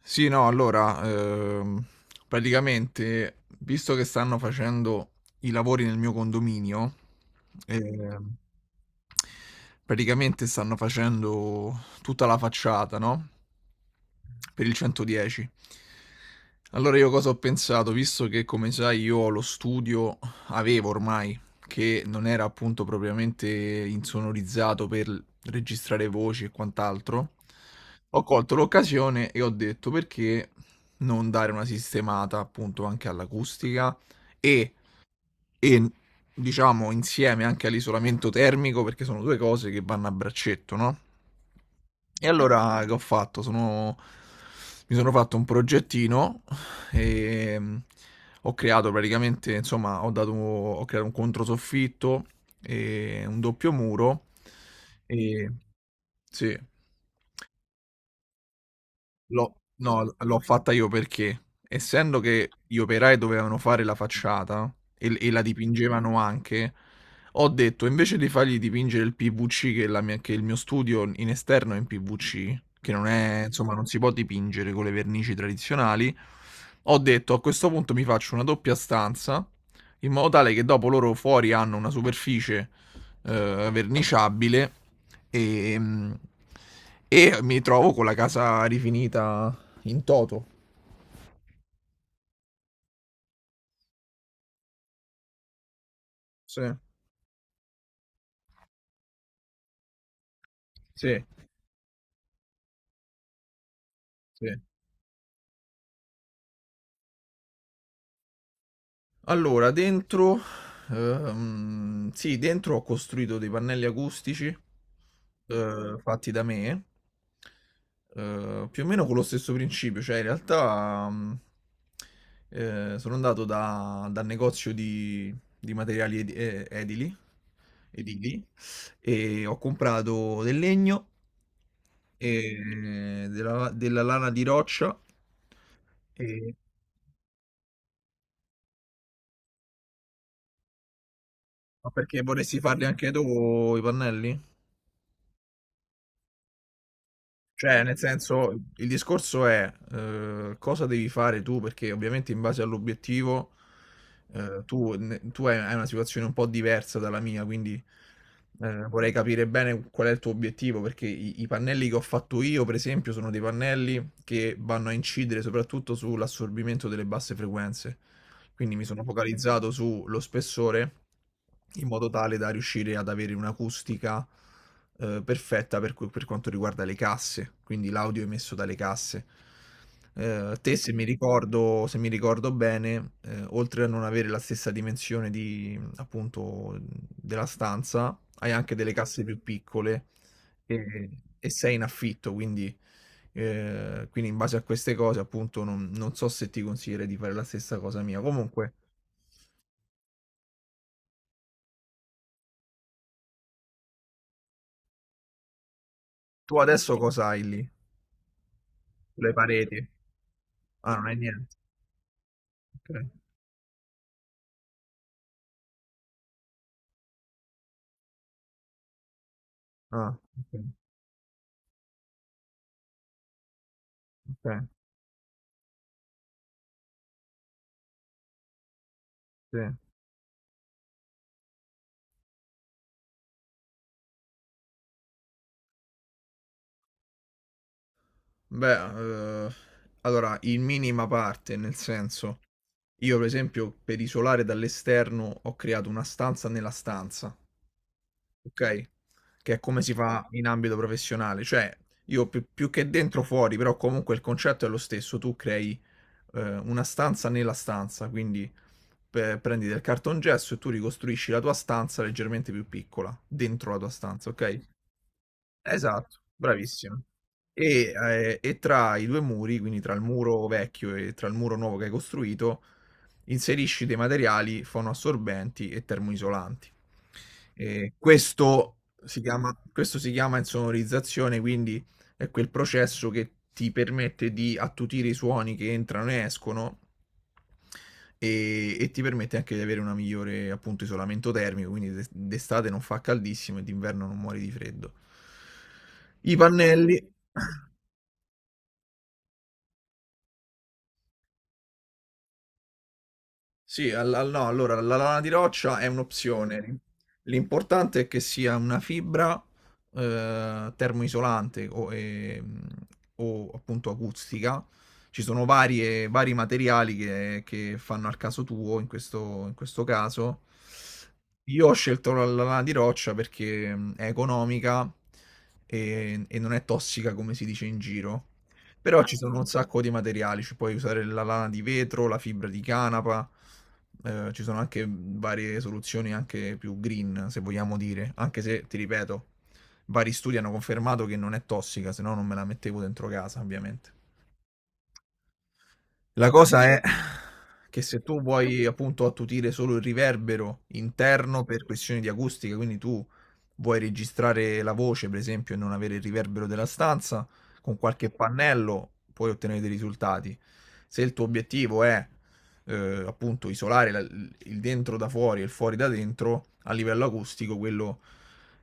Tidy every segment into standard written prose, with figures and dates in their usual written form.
Sì, no, allora, praticamente, visto che stanno facendo i lavori nel mio condominio, ehm, praticamente stanno facendo tutta la facciata, no? Per il 110. Allora io cosa ho pensato? Visto che, come sai, io ho lo studio, avevo ormai che non era appunto propriamente insonorizzato per registrare voci e quant'altro, ho colto l'occasione e ho detto perché non dare una sistemata appunto anche all'acustica e e diciamo insieme anche all'isolamento termico perché sono due cose che vanno a braccetto, no? E allora che ho fatto? Mi sono fatto un progettino e ho creato praticamente, insomma, ho creato un controsoffitto e un doppio muro e sì. L'ho No, l'ho fatta io perché, essendo che gli operai dovevano fare la facciata e la dipingevano anche, ho detto invece di fargli dipingere il PVC, che, che il mio studio in esterno è in PVC, che non è, insomma, non si può dipingere con le vernici tradizionali, ho detto a questo punto mi faccio una doppia stanza, in modo tale che dopo loro fuori hanno una superficie verniciabile e, mhmm, e mi trovo con la casa rifinita in toto. Sì, sì, sì. Allora, dentro, sì, dentro ho costruito dei pannelli acustici fatti da me, più o meno con lo stesso principio, cioè in realtà sono andato dal negozio di materiali edili, edili e ho comprato del legno e della lana di roccia e ma perché vorresti farli anche tu i pannelli? Cioè, nel senso, il discorso è cosa devi fare tu, perché ovviamente in base all'obiettivo tu hai una situazione un po' diversa dalla mia, quindi vorrei capire bene qual è il tuo obiettivo, perché i pannelli che ho fatto io, per esempio, sono dei pannelli che vanno a incidere soprattutto sull'assorbimento delle basse frequenze. Quindi mi sono focalizzato sullo spessore in modo tale da riuscire ad avere un'acustica perfetta per quanto riguarda le casse, quindi l'audio emesso dalle casse. Te, se mi ricordo bene, oltre a non avere la stessa dimensione di, appunto, della stanza, hai anche delle casse più piccole e, e sei in affitto, quindi in base a queste cose, appunto, non so se ti consiglierei di fare la stessa cosa mia. Comunque, tu adesso cosa hai lì? Le pareti? Ah, non hai niente. Ok. Ah, ok. Okay, sì. Beh, allora in minima parte, nel senso, io per esempio per isolare dall'esterno ho creato una stanza nella stanza, okay, che è come si fa, okay, in ambito professionale, cioè io più che dentro fuori, però comunque il concetto è lo stesso, tu crei, una stanza nella stanza, quindi pe prendi del cartongesso e tu ricostruisci la tua stanza leggermente più piccola, dentro la tua stanza, okay? Esatto, bravissimo. E tra i due muri, quindi tra il muro vecchio e tra il muro nuovo che hai costruito, inserisci dei materiali fonoassorbenti e termoisolanti. E questo si chiama insonorizzazione, quindi è quel processo che ti permette di attutire i suoni che entrano e escono e ti permette anche di avere una migliore appunto isolamento termico, quindi d'estate non fa caldissimo e d'inverno non muori di freddo. I pannelli, sì, no, allora la lana di roccia è un'opzione. L'importante è che sia una fibra termoisolante o appunto acustica. Ci sono vari materiali che fanno al caso tuo, in questo caso. Io ho scelto la lana di roccia perché è economica e non è tossica come si dice in giro. Però ci sono un sacco di materiali, ci puoi usare la lana di vetro, la fibra di canapa, ci sono anche varie soluzioni anche più green, se vogliamo dire, anche se, ti ripeto, vari studi hanno confermato che non è tossica, se no non me la mettevo dentro casa, ovviamente. La cosa è che se tu vuoi appunto attutire solo il riverbero interno per questioni di acustica, quindi tu vuoi registrare la voce, per esempio, e non avere il riverbero della stanza, con qualche pannello puoi ottenere dei risultati. Se il tuo obiettivo è appunto isolare il dentro da fuori e il fuori da dentro, a livello acustico, quello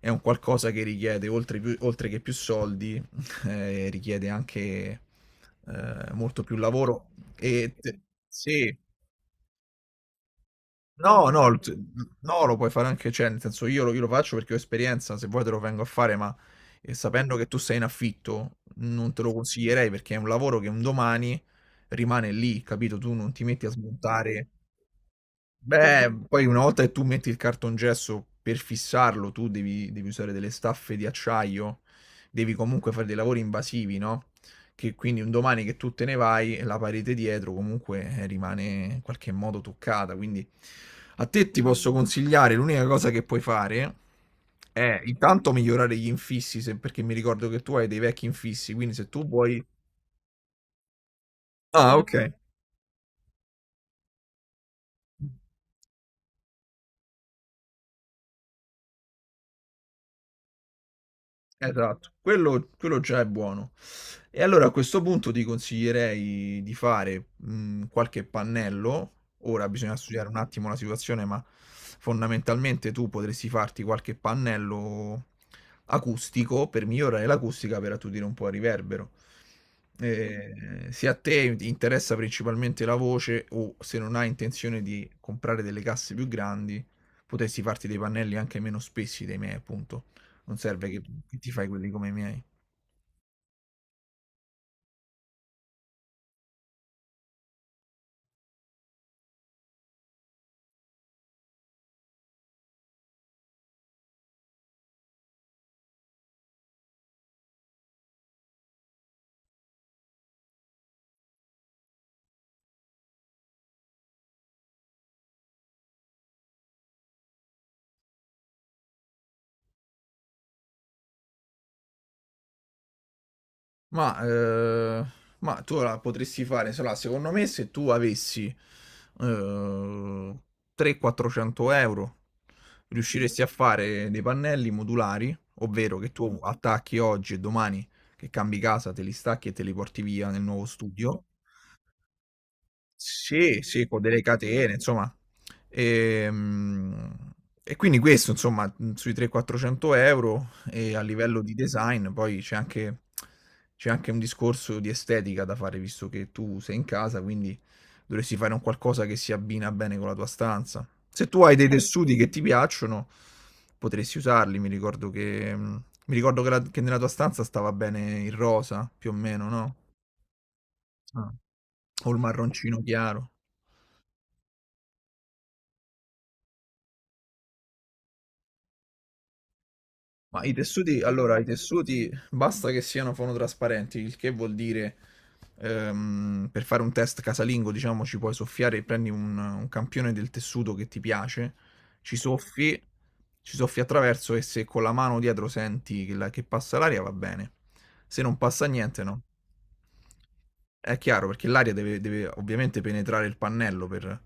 è un qualcosa che richiede, oltre che più soldi, richiede anche molto più lavoro. E te- sì, no, no, no, lo puoi fare anche, cioè, nel senso io lo faccio perché ho esperienza, se vuoi te lo vengo a fare, ma sapendo che tu sei in affitto, non te lo consiglierei perché è un lavoro che un domani rimane lì, capito? Tu non ti metti a smontare. Beh, poi una volta che tu metti il cartongesso per fissarlo, tu devi usare delle staffe di acciaio, devi comunque fare dei lavori invasivi, no? Che quindi un domani che tu te ne vai, la parete dietro comunque rimane in qualche modo toccata. Quindi a te ti posso consigliare, l'unica cosa che puoi fare è intanto migliorare gli infissi, perché mi ricordo che tu hai dei vecchi infissi, quindi se tu vuoi... Ah, ok. Esatto, quello già è buono. E allora a questo punto ti consiglierei di fare qualche pannello. Ora bisogna studiare un attimo la situazione, ma fondamentalmente tu potresti farti qualche pannello acustico per migliorare l'acustica per attutire un po' il riverbero. Eh, se a te ti interessa principalmente la voce o se non hai intenzione di comprare delle casse più grandi, potresti farti dei pannelli anche meno spessi dei miei, appunto non serve che ti fai quelli come i miei. Ma, eh, ma tu la potresti fare, insomma, secondo me se tu avessi eh, 300-400 euro, riusciresti a fare dei pannelli modulari, ovvero che tu attacchi oggi e domani che cambi casa, te li stacchi e te li porti via nel nuovo studio. Sì, sì, con delle catene, insomma. Ehm, E, quindi questo, insomma, sui 300-400 euro e a livello di design, poi c'è anche un discorso di estetica da fare, visto che tu sei in casa, quindi dovresti fare un qualcosa che si abbina bene con la tua stanza. Se tu hai dei tessuti che ti piacciono, potresti usarli. Mi ricordo che, che nella tua stanza stava bene il rosa, più o meno, no? Ah. O il marroncino chiaro. Ma i tessuti, allora, i tessuti basta che siano fonotrasparenti, il che vuol dire per fare un test casalingo, diciamo, ci puoi soffiare, e prendi un campione del tessuto che ti piace, ci soffi, ci soffi attraverso e se con la mano dietro senti che, che passa l'aria va bene, se non passa niente no. È chiaro perché l'aria deve, deve ovviamente penetrare il pannello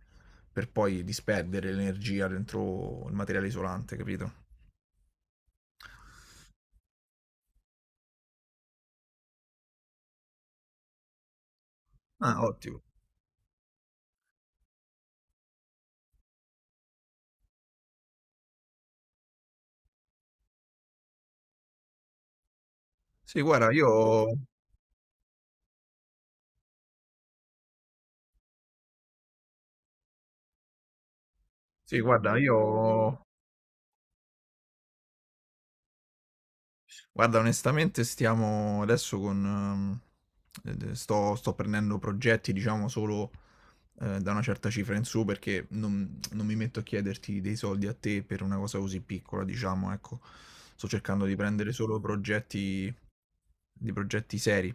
per poi disperdere l'energia dentro il materiale isolante, capito? Ah, ottimo. Sì, guarda, io, sì, guarda, onestamente sto prendendo progetti, diciamo, solo da una certa cifra in su perché non mi metto a chiederti dei soldi a te per una cosa così piccola, diciamo, ecco. Sto cercando di prendere di progetti seri.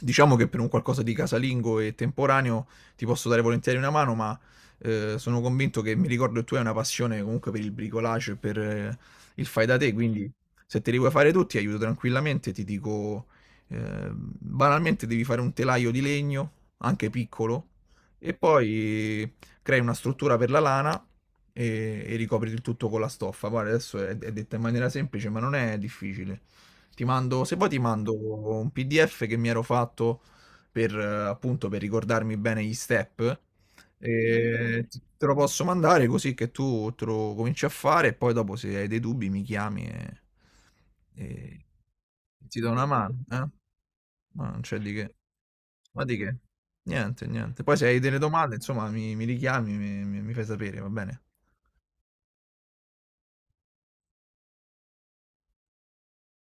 Diciamo che per un qualcosa di casalingo e temporaneo ti posso dare volentieri una mano, ma sono convinto che mi ricordo che tu hai una passione comunque per il bricolage e per, il fai da te, quindi se te li vuoi fare tutti, aiuto tranquillamente, ti dico, banalmente devi fare un telaio di legno, anche piccolo, e poi crei una struttura per la lana e ricopri il tutto con la stoffa. Guarda, adesso è detta in maniera semplice, ma non è difficile. Se vuoi ti mando un PDF che mi ero fatto per, appunto, per ricordarmi bene gli step e te lo posso mandare così che tu te lo cominci a fare e poi dopo se hai dei dubbi mi chiami e ti do una mano, eh? Ma non c'è di che. Ma di che? Niente, niente. Poi se hai delle domande, insomma, mi richiami, mi fai sapere, va bene?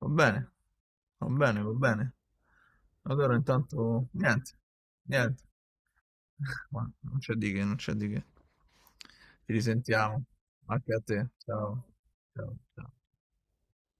Va bene, va bene, va bene. Allora intanto niente, niente. Ma non c'è di che, non c'è di che. Ci risentiamo. Anche a te. Ciao. Ciao, ciao.